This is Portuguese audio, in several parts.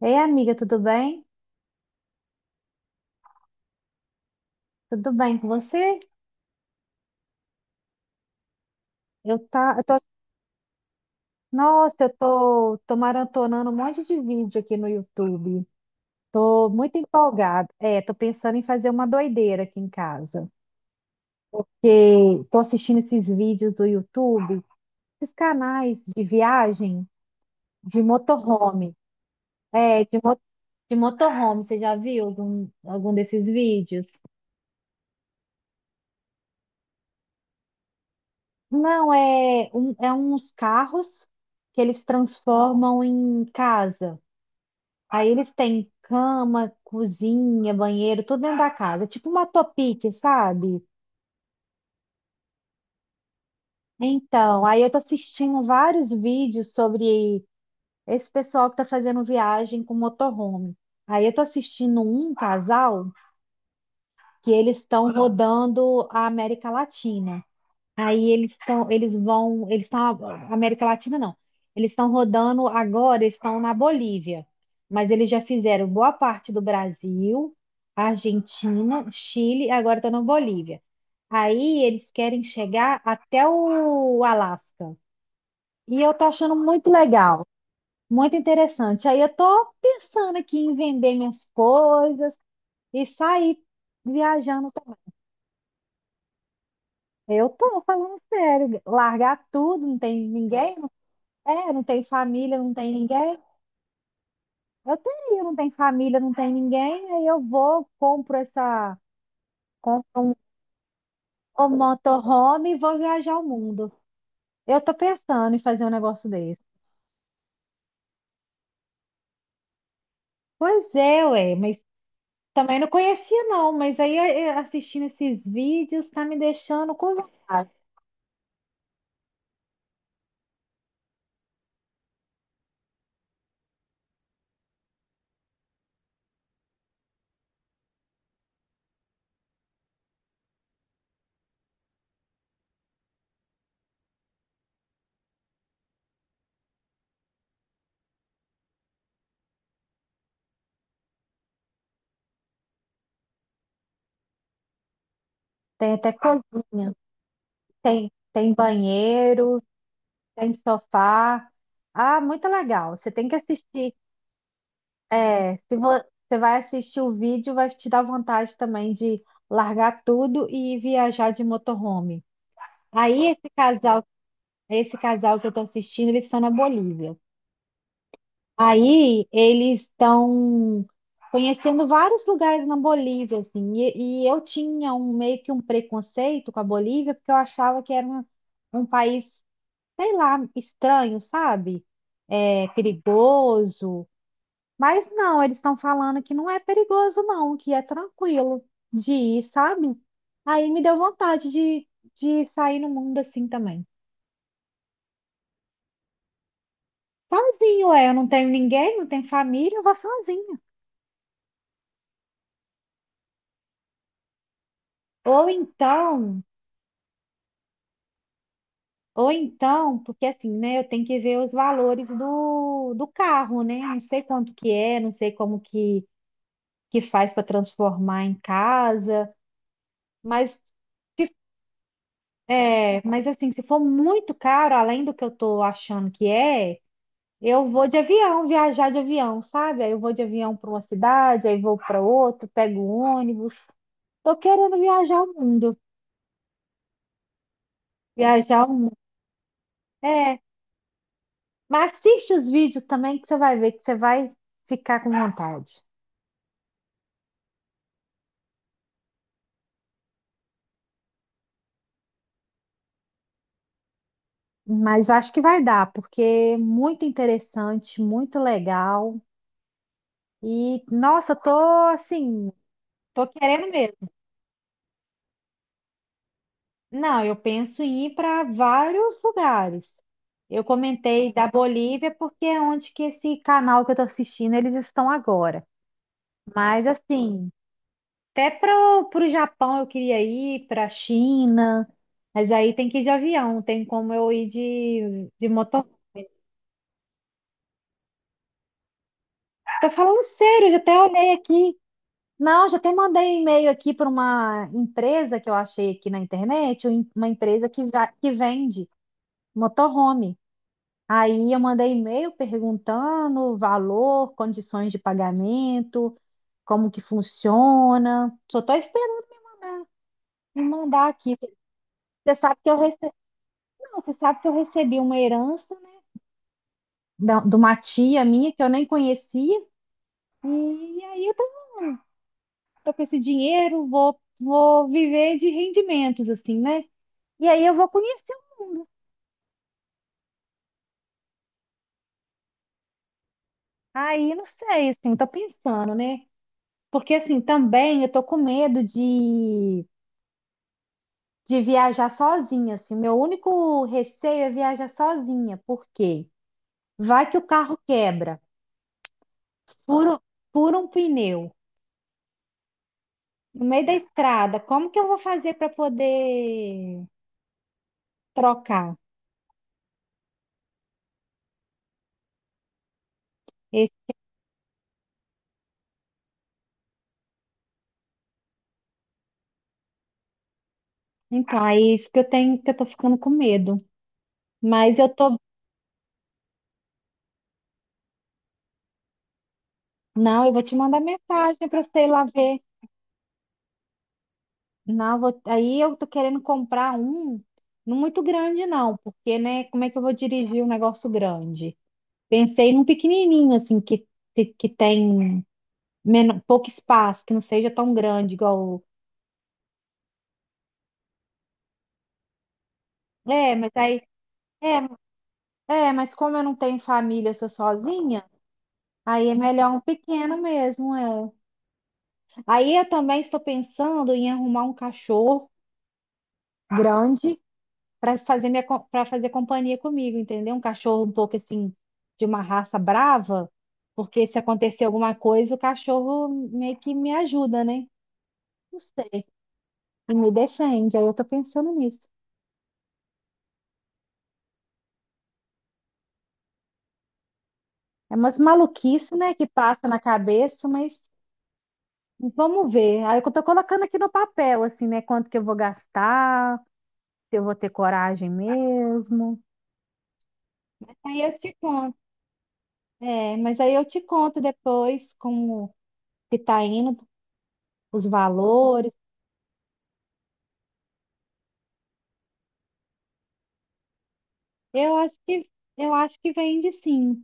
Ei, amiga, tudo bem? Tudo bem com você? Eu tá, eu tô, nossa, eu tô, Tô maratonando um monte de vídeo aqui no YouTube. Tô muito empolgada. É, tô pensando em fazer uma doideira aqui em casa. Que tô assistindo esses vídeos do YouTube, esses canais de viagem de motorhome. É, de, mo- de motorhome, você já viu algum desses vídeos? Não, é, um, é uns carros que eles transformam em casa. Aí eles têm cama, cozinha, banheiro, tudo dentro da casa, é tipo uma topic, sabe? Então, aí eu tô assistindo vários vídeos sobre esse pessoal que tá fazendo viagem com motorhome. Aí eu tô assistindo um casal que eles estão rodando a América Latina. Aí eles estão, eles vão, eles estão, América Latina não. Eles estão rodando agora, eles estão na Bolívia, mas eles já fizeram boa parte do Brasil, Argentina, Chile, e agora estão na Bolívia. Aí eles querem chegar até o Alasca. E eu tô achando muito legal, muito interessante. Aí eu tô pensando aqui em vender minhas coisas e sair viajando. Também. Eu tô falando sério, largar tudo, não tem ninguém. É, não tem família, não tem ninguém. Eu teria, não tem família, não tem ninguém. Aí eu vou, compro essa, compro um, Um motorhome e vou viajar o mundo. Eu tô pensando em fazer um negócio desse. Pois é, ué, mas também não conhecia não, mas aí assistindo esses vídeos tá me deixando Tem até cozinha, tem banheiro, tem sofá. Ah, muito legal. Você tem que assistir. É, se vo- Você vai assistir o vídeo, vai te dar vontade também de largar tudo e viajar de motorhome. Aí esse casal, esse casal que eu tô assistindo, eles estão na Bolívia. Aí eles estão conhecendo vários lugares na Bolívia, assim. E eu tinha um meio que um preconceito com a Bolívia, porque eu achava que era um, um país, sei lá, estranho, sabe? É, perigoso. Mas não, eles estão falando que não é perigoso, não, que é tranquilo de ir, sabe? Aí me deu vontade de sair no mundo assim também. Sozinho, é, eu não tenho ninguém, não tenho família, eu vou sozinha. Ou então, ou então, porque assim, né, eu tenho que ver os valores do carro, né? Não sei quanto que é, não sei como que faz para transformar em casa, mas é, mas assim, se for muito caro, além do que eu tô achando que é, eu vou de avião, viajar de avião, sabe? Aí eu vou de avião para uma cidade, aí vou para outra, pego ônibus. Tô querendo viajar o mundo, viajar o mundo. É, mas assiste os vídeos também que você vai ver que você vai ficar com vontade. Mas eu acho que vai dar, porque é muito interessante, muito legal. E nossa, eu tô assim, tô querendo mesmo. Não, eu penso em ir para vários lugares. Eu comentei da Bolívia porque é onde que esse canal que eu estou assistindo eles estão agora. Mas assim, até para o Japão eu queria ir, para a China, mas aí tem que ir de avião, tem como eu ir de motor. Tô falando sério, eu já até olhei aqui. Não, já até mandei um e-mail aqui para uma empresa que eu achei aqui na internet, uma empresa que vende motorhome. Aí eu mandei e-mail perguntando o valor, condições de pagamento, como que funciona. Só estou esperando me mandar aqui. Você sabe que eu recebi, não, você sabe que eu recebi uma herança, né, de uma tia minha que eu nem conhecia. E aí eu tô, tô com esse dinheiro, vou viver de rendimentos, assim, né? E aí eu vou conhecer. Um, aí não sei, assim, tô pensando, né? Porque assim, também eu tô com medo de viajar sozinha, assim. Meu único receio é viajar sozinha, porque vai que o carro quebra, fura, fura um pneu no meio da estrada. Como que eu vou fazer para poder trocar? Esse- Então, é isso que eu tenho, que eu tô ficando com medo. Mas eu tô, não, eu vou te mandar mensagem para você ir lá ver. Não, eu vou- aí eu tô querendo comprar um não muito grande não, porque né, como é que eu vou dirigir um negócio grande? Pensei num pequenininho, assim, que tem pouco espaço, que não seja tão grande igual. É, mas aí. É, é, mas como eu não tenho família, eu sou sozinha, aí é melhor um pequeno mesmo, é. Aí eu também estou pensando em arrumar um cachorro grande para fazer minha, para fazer companhia comigo, entendeu? Um cachorro um pouco assim, de uma raça brava, porque se acontecer alguma coisa, o cachorro meio que me ajuda, né? Não sei. Me defende, aí eu tô pensando nisso. É umas maluquice, né, que passa na cabeça, mas vamos ver. Aí eu tô colocando aqui no papel, assim, né, quanto que eu vou gastar, se eu vou ter coragem mesmo. Aí eu te conto, é, mas aí eu te conto depois como que tá indo, os valores. Eu acho que eu acho que vende sim.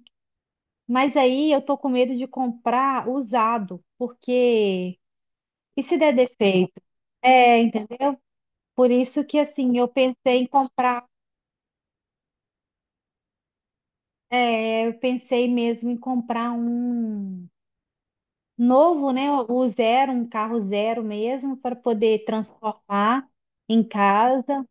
Mas aí eu tô com medo de comprar usado, porque e se der defeito? É, entendeu? Por isso que assim, em comprar, eu pensei mesmo em comprar um novo, né? O zero, um carro zero mesmo, para poder transformar em casa.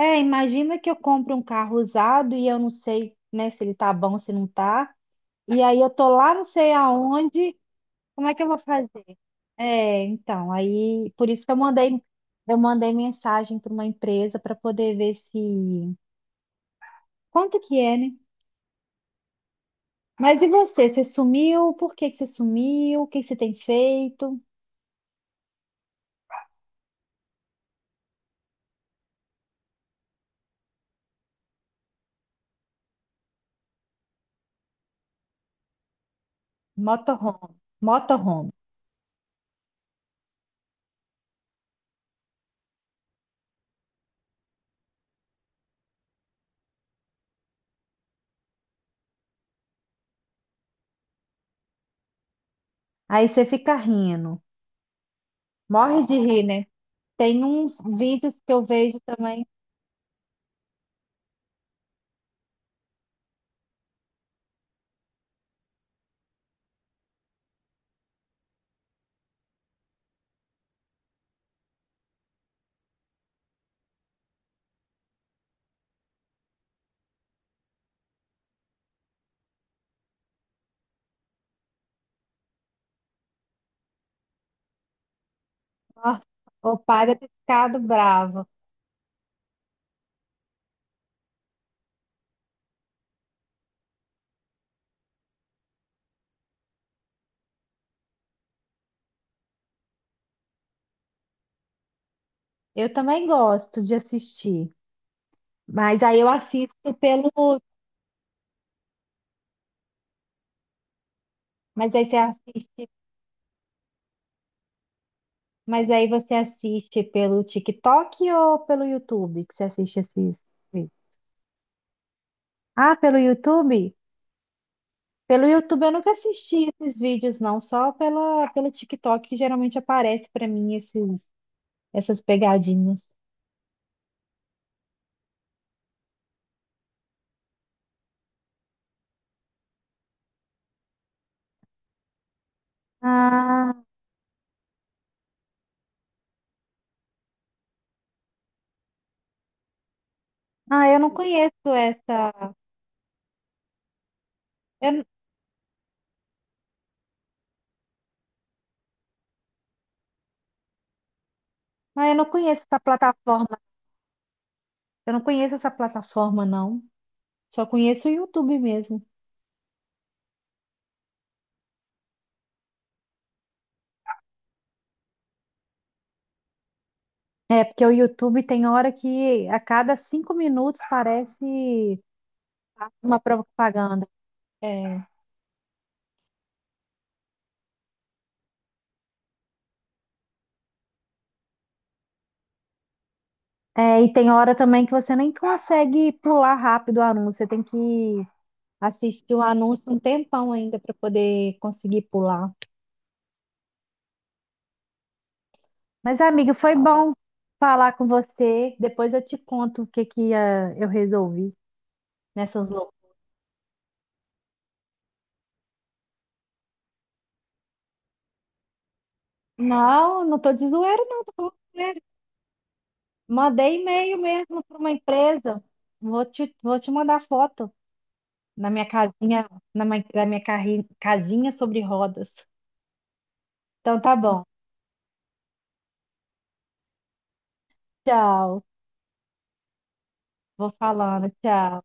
É, imagina que eu compro um carro usado e eu não sei, né, se ele tá bom, se não tá. E aí eu tô lá, não sei aonde, como é que eu vou fazer? É, então, aí por isso que eu mandei mensagem para uma empresa para poder ver se quanto que é, né? Mas e você? Você sumiu? Por que que você sumiu? O que que você tem feito? Motorhome, motorhome. Aí você fica rindo, morre de rir, né? Tem uns vídeos que eu vejo também. Nossa, o padre tem ficado bravo. Eu também gosto de assistir, mas aí eu assisto pelo. Mas aí você assiste. Mas aí você assiste pelo TikTok ou pelo YouTube que você assiste esses vídeos? Ah, pelo YouTube? Pelo YouTube eu nunca assisti esses vídeos, não, só pelo TikTok que geralmente aparece pra mim essas pegadinhas. Ah, eu não conheço essa. Eu, ah, eu não conheço essa plataforma. Eu não conheço essa plataforma, não. Só conheço o YouTube mesmo. É, porque o YouTube tem hora que a cada 5 minutos parece uma propaganda. É. É, e tem hora também que você nem consegue pular rápido o anúncio. Você tem que assisti o anúncio um tempão ainda para poder conseguir pular. Mas, amiga, foi bom falar com você. Depois eu te conto o que que ah, eu resolvi nessas loucuras. Não, não tô de zoeira, não, tô falando sério. Mandei e-mail mesmo para uma empresa. Vou te mandar foto na minha casinha, da minha casinha sobre rodas. Então tá bom. Tchau. Vou falando, tchau.